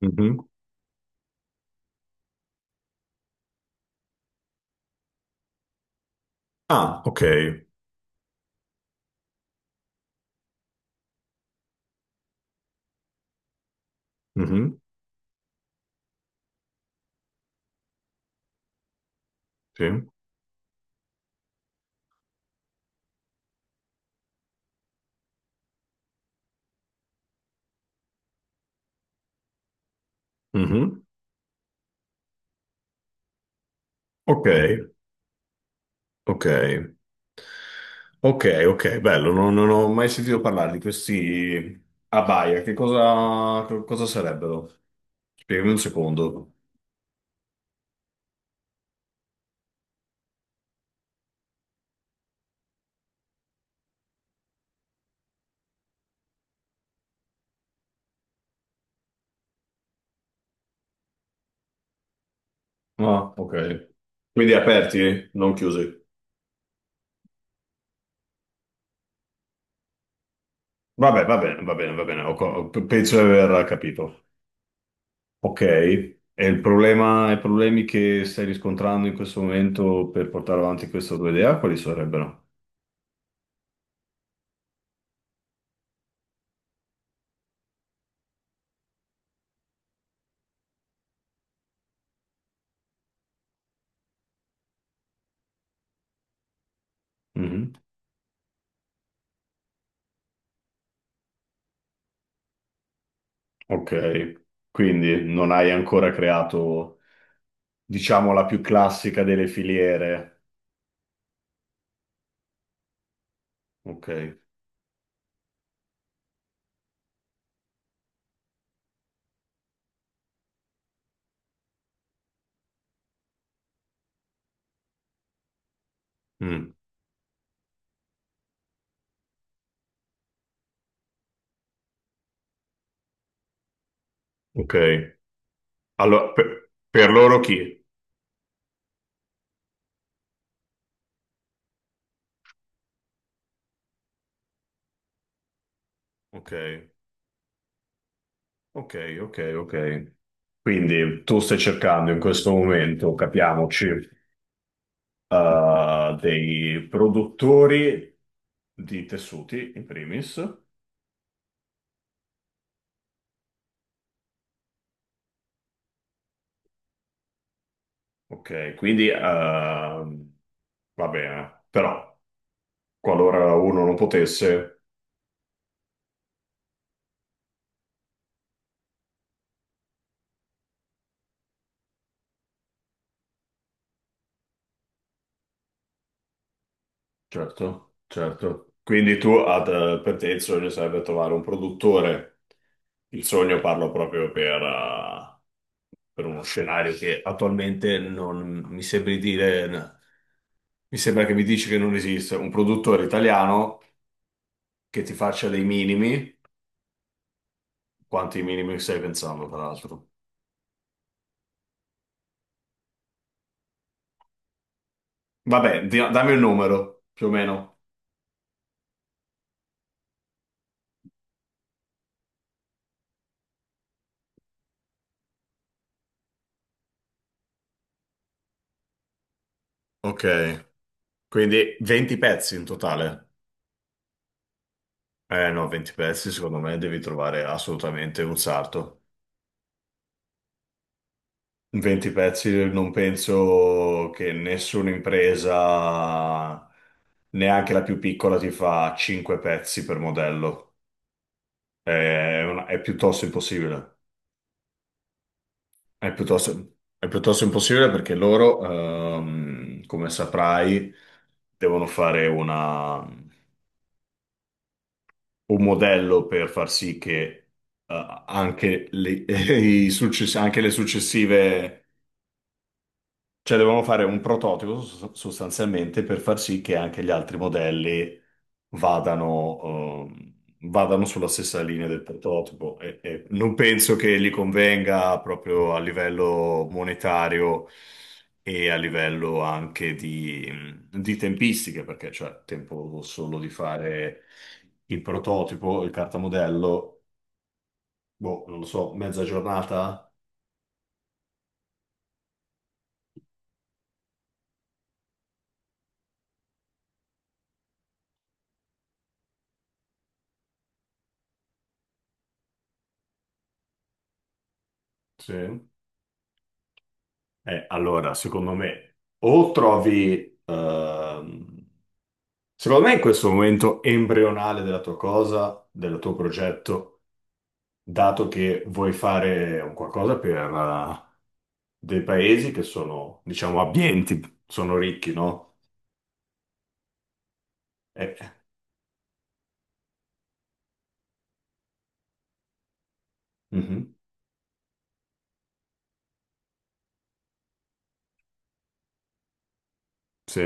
Mhm. Ah, ok. Mhm, sì. Mhm. Ok, ok, ok, ok, bello, non ho mai sentito parlare di questi abaya. Che cosa sarebbero? Spiegami un secondo. Ah, ok. Quindi aperti, non chiusi. Vabbè, va bene, va bene, va bene. Penso di aver capito. Ok. E il problema, i problemi che stai riscontrando in questo momento per portare avanti questa tua idea, quali sarebbero? Mm-hmm. Ok, quindi non hai ancora creato, diciamo, la più classica delle filiere. Ok, mm, ok. Allora, per loro chi? Ok, ok, ok, ok. Quindi tu stai cercando in questo momento, capiamoci, dei produttori di tessuti, in primis. Ok, quindi va bene, però qualora uno non potesse. Certo, certo. Quindi tu, per te il sogno sarebbe trovare un produttore. Il sogno parlo proprio per uno scenario che attualmente non mi sembri dire, mi sembra che mi dici che non esiste. Un produttore italiano che ti faccia dei minimi. Quanti minimi stai pensando, tra l'altro? Vabbè, dammi un numero, più o meno. Ok, quindi 20 pezzi in totale. Eh no, 20 pezzi secondo me devi trovare assolutamente un sarto. 20 pezzi non penso che nessuna impresa, neanche la più piccola, ti fa 5 pezzi per modello. È piuttosto impossibile. È piuttosto impossibile perché loro, come saprai, devono fare un modello per far sì che eh, anche le, anche le successive. Cioè, dovevamo fare un prototipo sostanzialmente per far sì che anche gli altri modelli vadano, ehm, vadano sulla stessa linea del prototipo. E non penso che gli convenga proprio a livello monetario e a livello anche di tempistiche, perché c'è tempo solo di fare il prototipo, il cartamodello, boh, non lo so, mezza giornata? Sì. Allora, secondo me, ehm, secondo me in questo momento embrionale della tua cosa, del tuo progetto, dato che vuoi fare un qualcosa per dei paesi che sono, diciamo, abbienti, sono ricchi, no? Eh, mhm, sì.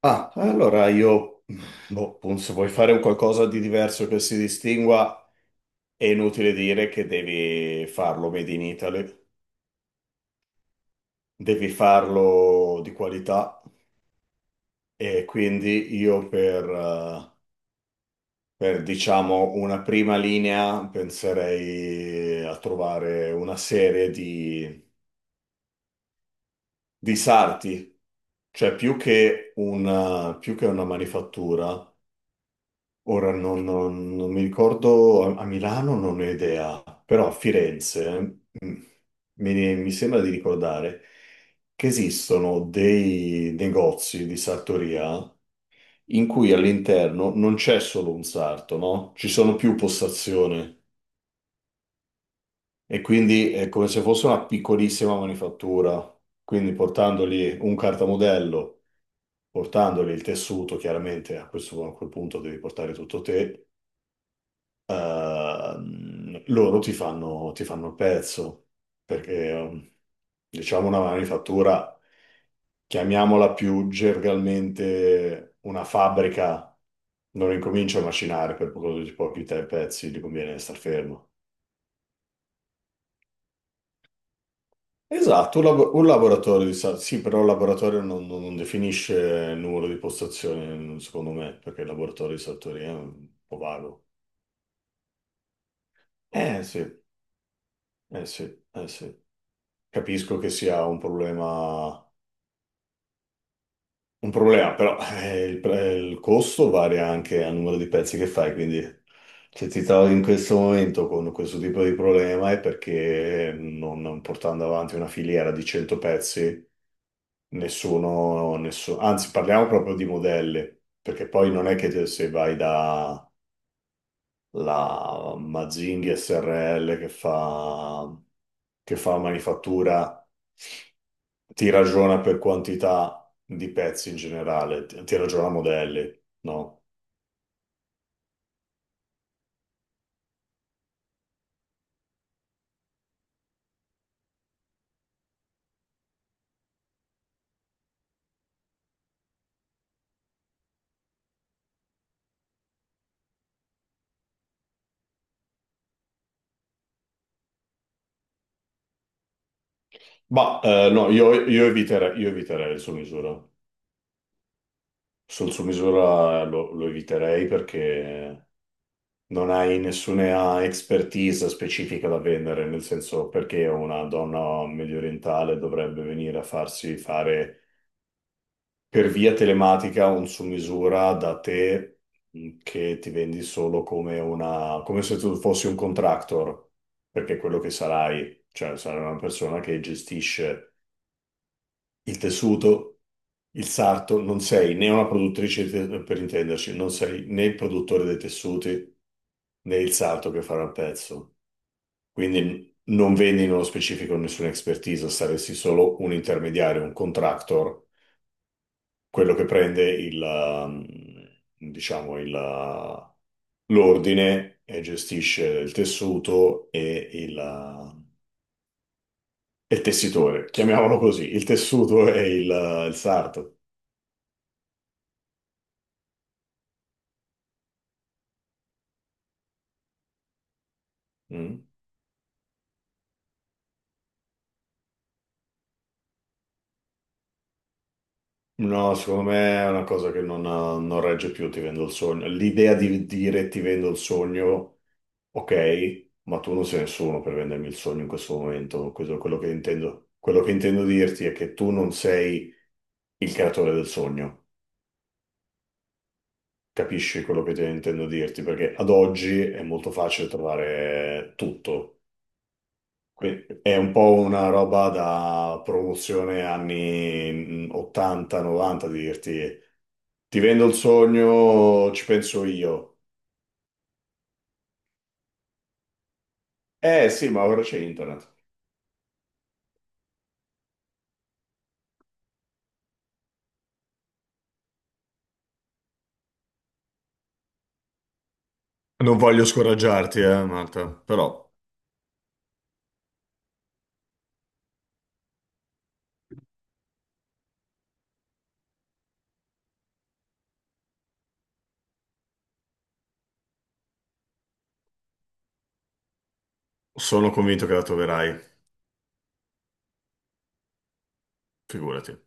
Ah, allora io, boh, appunto, se vuoi fare un qualcosa di diverso che si distingua, è inutile dire che devi farlo made in Italy, devi farlo di qualità. E quindi io per, diciamo, una prima linea penserei a trovare una serie di sarti, cioè più che una manifattura. Ora non mi ricordo, a Milano non ho idea, però a Firenze mi sembra di ricordare che esistono dei negozi di sartoria in cui all'interno non c'è solo un sarto, no? Ci sono più postazioni e quindi è come se fosse una piccolissima manifattura. Quindi portandogli un cartamodello, portandogli il tessuto, chiaramente a questo, a quel punto devi portare tutto te, loro ti fanno il pezzo, perché diciamo, una manifattura, chiamiamola più gergalmente una fabbrica, non incomincia a macinare per produrre pochi te pezzi, gli conviene star fermo. Esatto, un laboratorio sì, però il laboratorio non definisce il numero di postazioni, secondo me, perché il laboratorio di sartoria è un po' vago. Eh sì, eh sì, eh sì. Capisco che sia un problema. Un problema, però il costo varia anche al numero di pezzi che fai, quindi se ti trovi in questo momento con questo tipo di problema è perché non portando avanti una filiera di 100 pezzi, nessuno, anzi parliamo proprio di modelli, perché poi non è che se vai da la Mazzinghi SRL che fa manifattura ti ragiona per quantità di pezzi in generale, ti ragiona modelli, no? Ma no, io eviterei il su misura. Sul su misura lo eviterei perché non hai nessuna expertise specifica da vendere, nel senso perché una donna mediorientale dovrebbe venire a farsi fare per via telematica un su misura da te, che ti vendi solo come come se tu fossi un contractor, perché è quello che sarai, cioè sarai una persona che gestisce il tessuto, il sarto, non sei né una produttrice per intenderci, non sei né il produttore dei tessuti né il sarto che farà il pezzo. Quindi non vendi nello specifico nessuna expertise, saresti solo un intermediario, un contractor, quello che prende diciamo, l'ordine e gestisce il tessuto e il tessitore, chiamiamolo così, il tessuto e il sarto. Mm? No, secondo me è una cosa che non regge più, ti vendo il sogno. L'idea di dire ti vendo il sogno, ok, ma tu non sei nessuno per vendermi il sogno in questo momento. Questo è quello che intendo. Quello che intendo dirti è che tu non sei il creatore del sogno. Capisci quello che intendo dirti? Perché ad oggi è molto facile trovare tutto. È un po' una roba da promozione anni 80-90, di dirti ti vendo il sogno, ci penso io. Eh sì, ma ora c'è internet. Non voglio scoraggiarti, Marta, però sono convinto che la troverai, figurati.